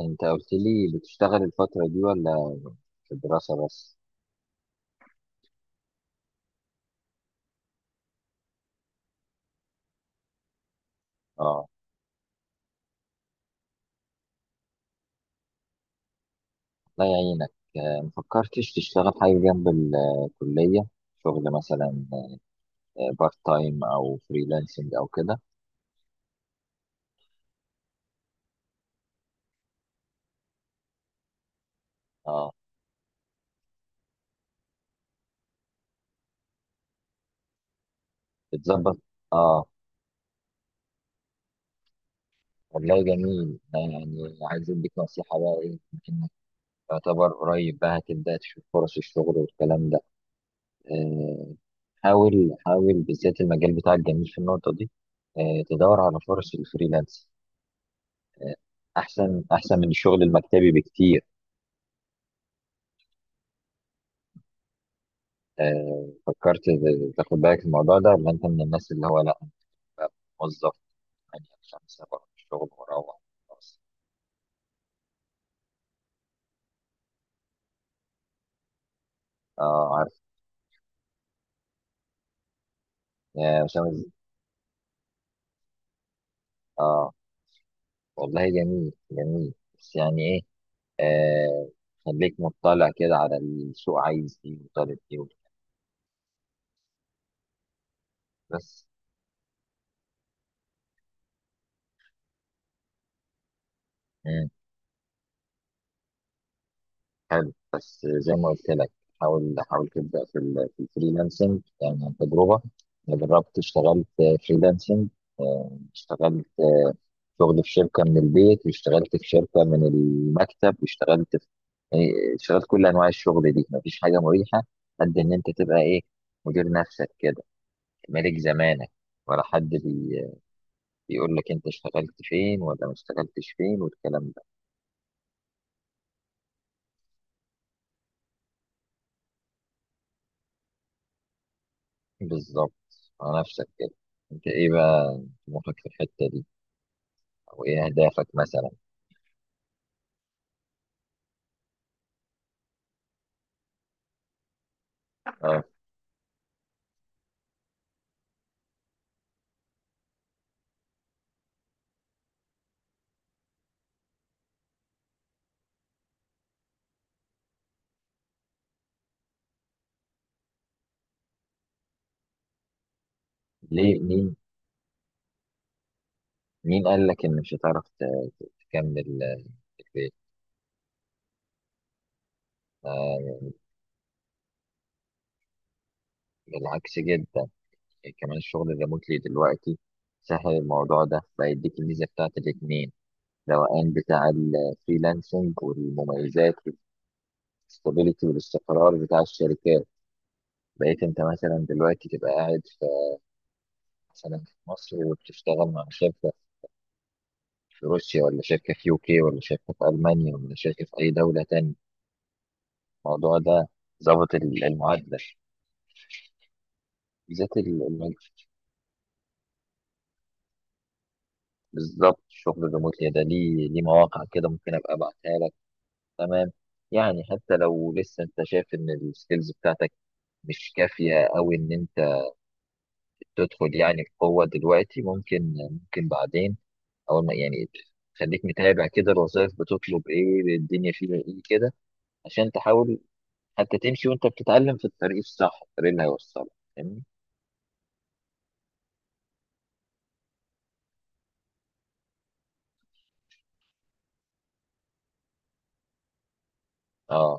انت قلت لي بتشتغل الفترة دي ولا في الدراسة بس. اه، الله يعينك. آه، مفكرتش تشتغل حاجة جنب الكلية؟ شغل مثلا بارت تايم او فريلانسنج او كده؟ اه، بتظبط. اه، والله جميل. أنا يعني عايز اديك نصيحة بقى، ايه انك تعتبر قريب بقى هتبدأ تشوف فرص الشغل والكلام ده. آه، حاول بالذات المجال بتاعك جميل في النقطة دي. آه، تدور على فرص الفريلانس، احسن من الشغل المكتبي بكتير. آه، فكرت تاخد بالك من الموضوع ده ولا انت من الناس اللي هو لا أنا بقى موظف يعني خمسة بروح الشغل واروح؟ خلاص. اه عارف يا أسامة. اه والله جميل، بس يعني ايه، آه، خليك مطلع كده على السوق عايز ايه وطالب ايه وكده. بس حلو، بس زي ما قلت لك، حاول تبدأ في ال في الفريلانسنج. يعني عن تجربة، أنا جربت اشتغلت فريلانسنج. آه، اشتغلت شغل في شركة من البيت، واشتغلت في شركة من المكتب، واشتغلت في، يعني، اشتغلت كل أنواع الشغل دي. مفيش حاجة مريحة قد إن أنت تبقى إيه، مدير نفسك كده، ملك زمانك، ولا حد بيقول لك أنت اشتغلت فين ولا ما اشتغلتش فين والكلام ده. بالظبط، على نفسك كده. انت ايه بقى طموحك في الحتة دي، او ايه اهدافك مثلا؟ اه، ليه؟ مين، مين قال لك ان مش هتعرف تكمل آه، في البيت؟ آه، بالعكس جدا. يعني كمان الشغل الريموتلي دلوقتي سهل. الموضوع ده بيديك الميزة بتاعت الاتنين، الروقان بتاع الفريلانسنج والمميزات، والستابيليتي والاستقرار بتاع الشركات. بقيت انت مثلا دلوقتي تبقى قاعد في، مثلا في مصر، وبتشتغل مع شركة في روسيا، ولا شركة في يوكي، ولا شركة في ألمانيا، ولا شركة في أي دولة تاني. الموضوع ده ظابط المعادلة، بالذات بالظبط. الشغل الريموتلي ده ليه، ليه مواقع كده ممكن أبقى أبعتها لك. تمام، يعني حتى لو لسه أنت شايف إن السكيلز بتاعتك مش كافية، أو إن أنت تدخل يعني بقوة دلوقتي، ممكن، ممكن بعدين، أول ما يعني، خليك متابع كده الوظائف بتطلب إيه، الدنيا فيها إيه كده، عشان تحاول انت تمشي وانت بتتعلم في الطريق الصح، الطريق اللي هيوصلك. فاهمني؟ اه،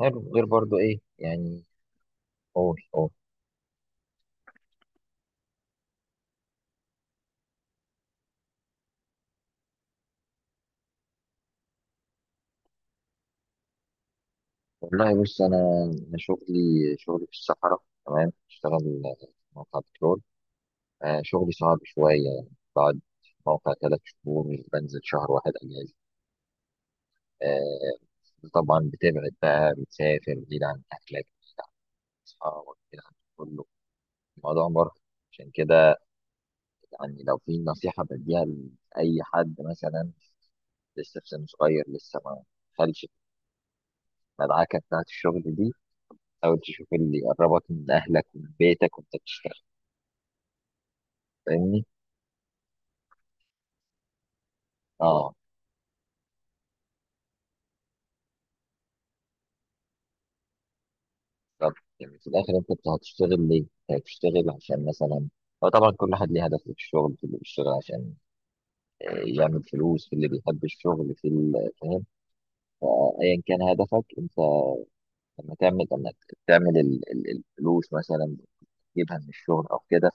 حلو. غير برضو ايه يعني؟ قول. والله بص، انا شغلي، شغلي في الصحراء. تمام، بشتغل في موقع بترول. آه، شغلي صعب شويه يعني. بقعد في موقع ثلاث شهور، مش بنزل شهر واحد اجازه. آه، طبعا بتبعد بقى، بتسافر بعيد عن اهلك، بعيد عن اصحابك، بعيد عن كله. الموضوع مرهق. عشان كده، يعني لو في نصيحه بديها لاي حد مثلا لسه في سن صغير، لسه ما دخلش في المدعكه بتاعت الشغل دي، حاول تشوف اللي يقربك من اهلك ومن بيتك وانت بتشتغل. فاهمني؟ اه، طب يعني في الاخر انت هتشتغل ليه؟ أنت هتشتغل عشان مثلا، هو طبعا كل واحد ليه هدف في الشغل، في اللي بيشتغل عشان آه، يعمل فلوس، في اللي بيحب الشغل في فاهم؟ فايا كان هدفك انت لما تعمل، لما تعمل الفلوس مثلا، تجيبها من الشغل او كده،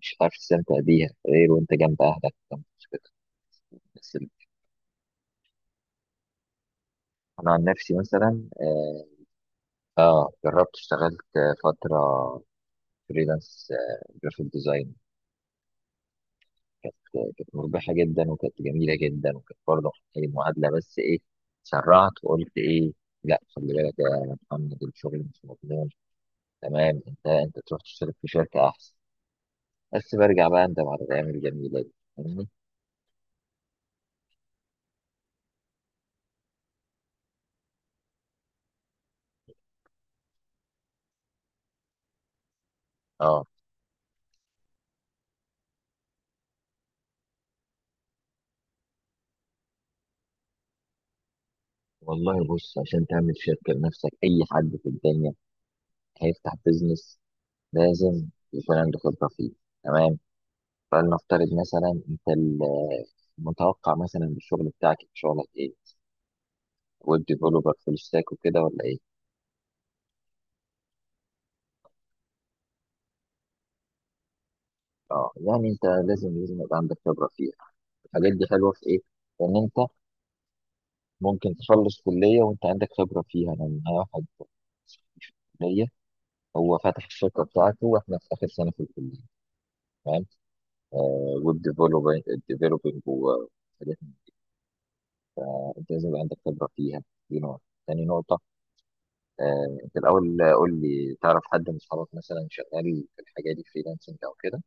مش عارف تستمتع بيها غير وانت جنب اهلك، جنب أسرتك. بس انا عن نفسي مثلا اه، آه، جربت اشتغلت آه، فتره فريلانس جرافيك ديزاين. كانت مربحه جدا، وكانت جميله جدا، وكانت برضه محتاجه معادله، بس ايه، سرعت وقلت ايه، لا خلي بالك يا محمد الشغل مش مضمون، تمام، انت تروح تشتغل في شركه احسن. بس برجع بقى اندم على الايام الجميله دي. فاهمني؟ اه، والله بص، عشان تعمل شركه لنفسك، اي حد في الدنيا هيفتح بيزنس لازم يكون عنده خبره فيه. تمام، فلنفترض مثلا انت، المتوقع مثلا الشغل بتاعك، شغلك ايه، ويب ديفلوبر فول ستاك وكده ولا ايه؟ اه، يعني انت لازم يبقى عندك خبره فيها. الحاجات دي حلوه في ايه، ان انت ممكن تخلص كليه وانت عندك خبره فيها. يعني انا معايا واحد في الكليه، هو فاتح الشركه بتاعته واحنا في اخر سنه في الكليه، فاهم؟ آه، ويب ديفلوبينج، ديفلوبينج وحاجات. انت لازم يبقى عندك خبره فيها، دي نقطه. تاني نقطه، آه، انت الاول قول لي، تعرف حد من اصحابك مثلا شغال في الحاجه دي، فريلانسنج او كده؟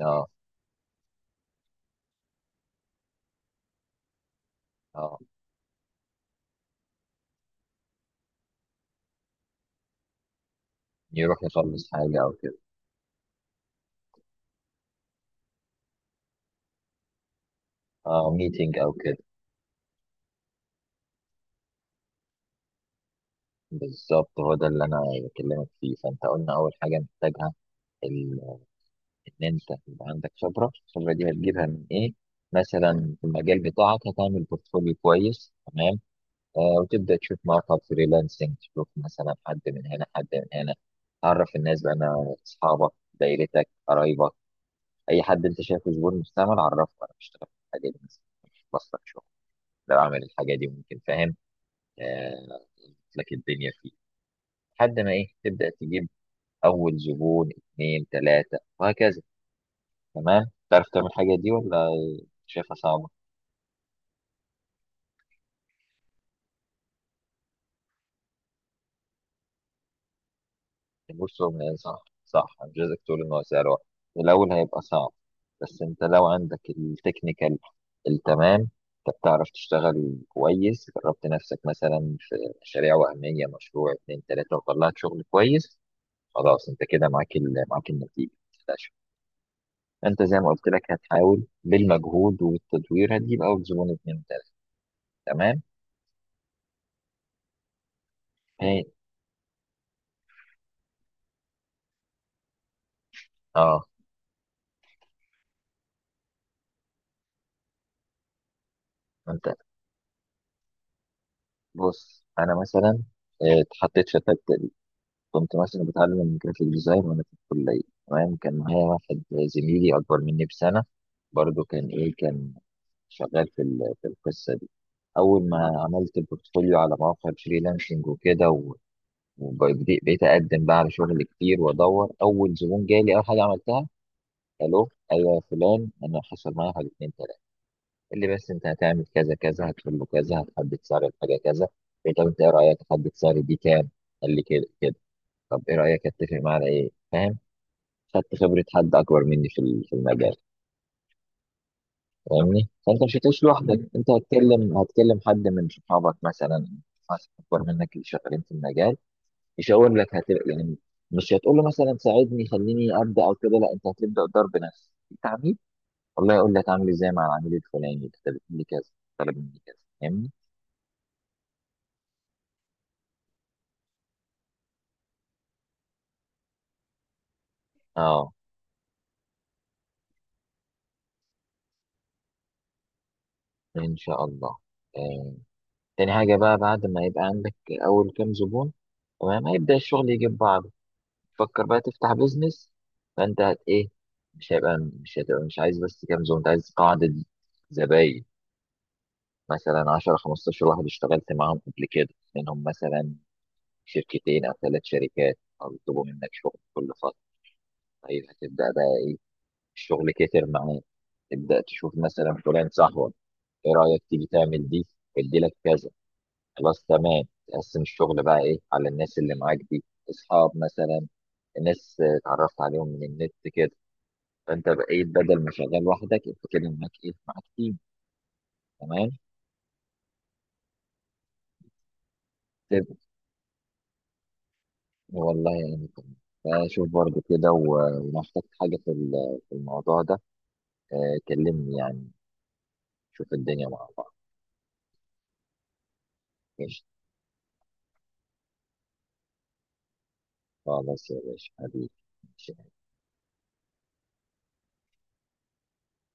اه، اه يروح يخلص حاجه او كده. اه، ميتنج او كده. بالظبط، هو ده اللي انا بكلمك فيه. فانت قلنا اول حاجه محتاجها ال- ان انت يبقى عندك خبره. الخبره دي هتجيبها من ايه؟ مثلا في المجال بتاعك هتعمل بورتفوليو كويس. تمام، آه، وتبدا تشوف مواقع فريلانسنج، تشوف مثلا حد من هنا، حد من هنا. تعرف الناس بقى، انا اصحابك، دايرتك، قرايبك، اي حد انت شايفه زبون مستعمل، عرفه انا بشتغل في الحاجه دي مثلا. مش بصلك شغل لو اعمل الحاجه دي؟ ممكن. فاهم؟ آه، لك الدنيا فيه، لحد ما ايه، تبدا تجيب اول زبون، اثنين، ثلاثه، وهكذا. تمام، تعرف تعمل الحاجه دي ولا شايفها صعبه؟ بص، هو يعني صح، صح، مش عايزك تقول ان هو سعر واحد. في الاول هيبقى صعب، بس انت لو عندك التكنيكال التمام، انت بتعرف تشتغل كويس، جربت نفسك مثلا في مشاريع وهميه، مشروع اتنين تلاته، وطلعت شغل كويس، خلاص، انت كده معاك معاك النتيجه، ما تقلقش. انت زي ما قلت لك، هتحاول بالمجهود والتدوير هتجيب اول زبون اتنين تلاته. تمام، هي اه، انت بص انا مثلا آه، اتحطيت في، كنت مثلا بتعلم جرافيك ديزاين وانا في الكليه. تمام، كان معايا واحد زميلي اكبر مني بسنه، برضه كان ايه، كان شغال في في القصه دي. اول ما عملت البورتفوليو على مواقع الفريلانسنج وكده وبقيت بقيت اقدم بقى على شغل كتير، وادور. اول زبون جالي اول حاجه عملتها، الو ايوه يا فلان، انا حصل معايا حاجه اتنين تلاته، قال لي بس انت هتعمل كذا كذا، هتقول له كذا، هتحدد سعر الحاجه كذا. قلت له طب انت ايه رايك احدد سعر دي كام؟ قال لي كده كده. طب ايه رايك اتفق معاه على ايه؟ فاهم؟ خدت خبرة حد أكبر مني في في المجال. فاهمني؟ فأنت مش هتعيش لوحدك. مم، أنت هتكلم حد من صحابك مثلا، ناس أكبر منك اللي شغالين في المجال، يشاور لك. يعني مش هتقول له مثلا ساعدني خليني أبدأ أو كده، لا، أنت هتبدأ الدور بنفسك. أنت عميل، والله يقول لك عامل إزاي مع العميل الفلاني، ده طلب مني كذا، طلب مني كذا. فاهمني؟ أه، إن شاء الله. آه. تاني حاجة بقى، بعد ما يبقى عندك أول كام زبون، تمام، هيبدأ الشغل يجيب بعض، تفكر بقى تفتح بيزنس. فانت هت ايه، مش هيبقى مش هتبقى مش عايز بس كام زبون، انت عايز قاعدة زباين، مثلا 10 15 واحد اشتغلت معاهم قبل كده، منهم مثلا شركتين او ثلاث شركات، او يطلبوا منك شغل كل فترة. طيب هتبدأ بقى ايه، الشغل كتر معاه، تبدأ تشوف مثلا فلان صاحبك، ايه رأيك تيجي تعمل دي، ادي لك كذا. خلاص، تمام، تقسم الشغل بقى ايه على الناس اللي معاك دي، اصحاب مثلا، الناس اتعرفت عليهم من النت كده. فانت بقيت بدل ما شغال لوحدك، انت كده معاك ايه، معاك تيم. تمام، تب- والله يعني تمام. فشوف برضه كده ولو احتجت حاجة في في الموضوع ده، آه، كلمني. يعني شوف الدنيا مع بعض. ماشي، خلاص يا باشا حبيبي.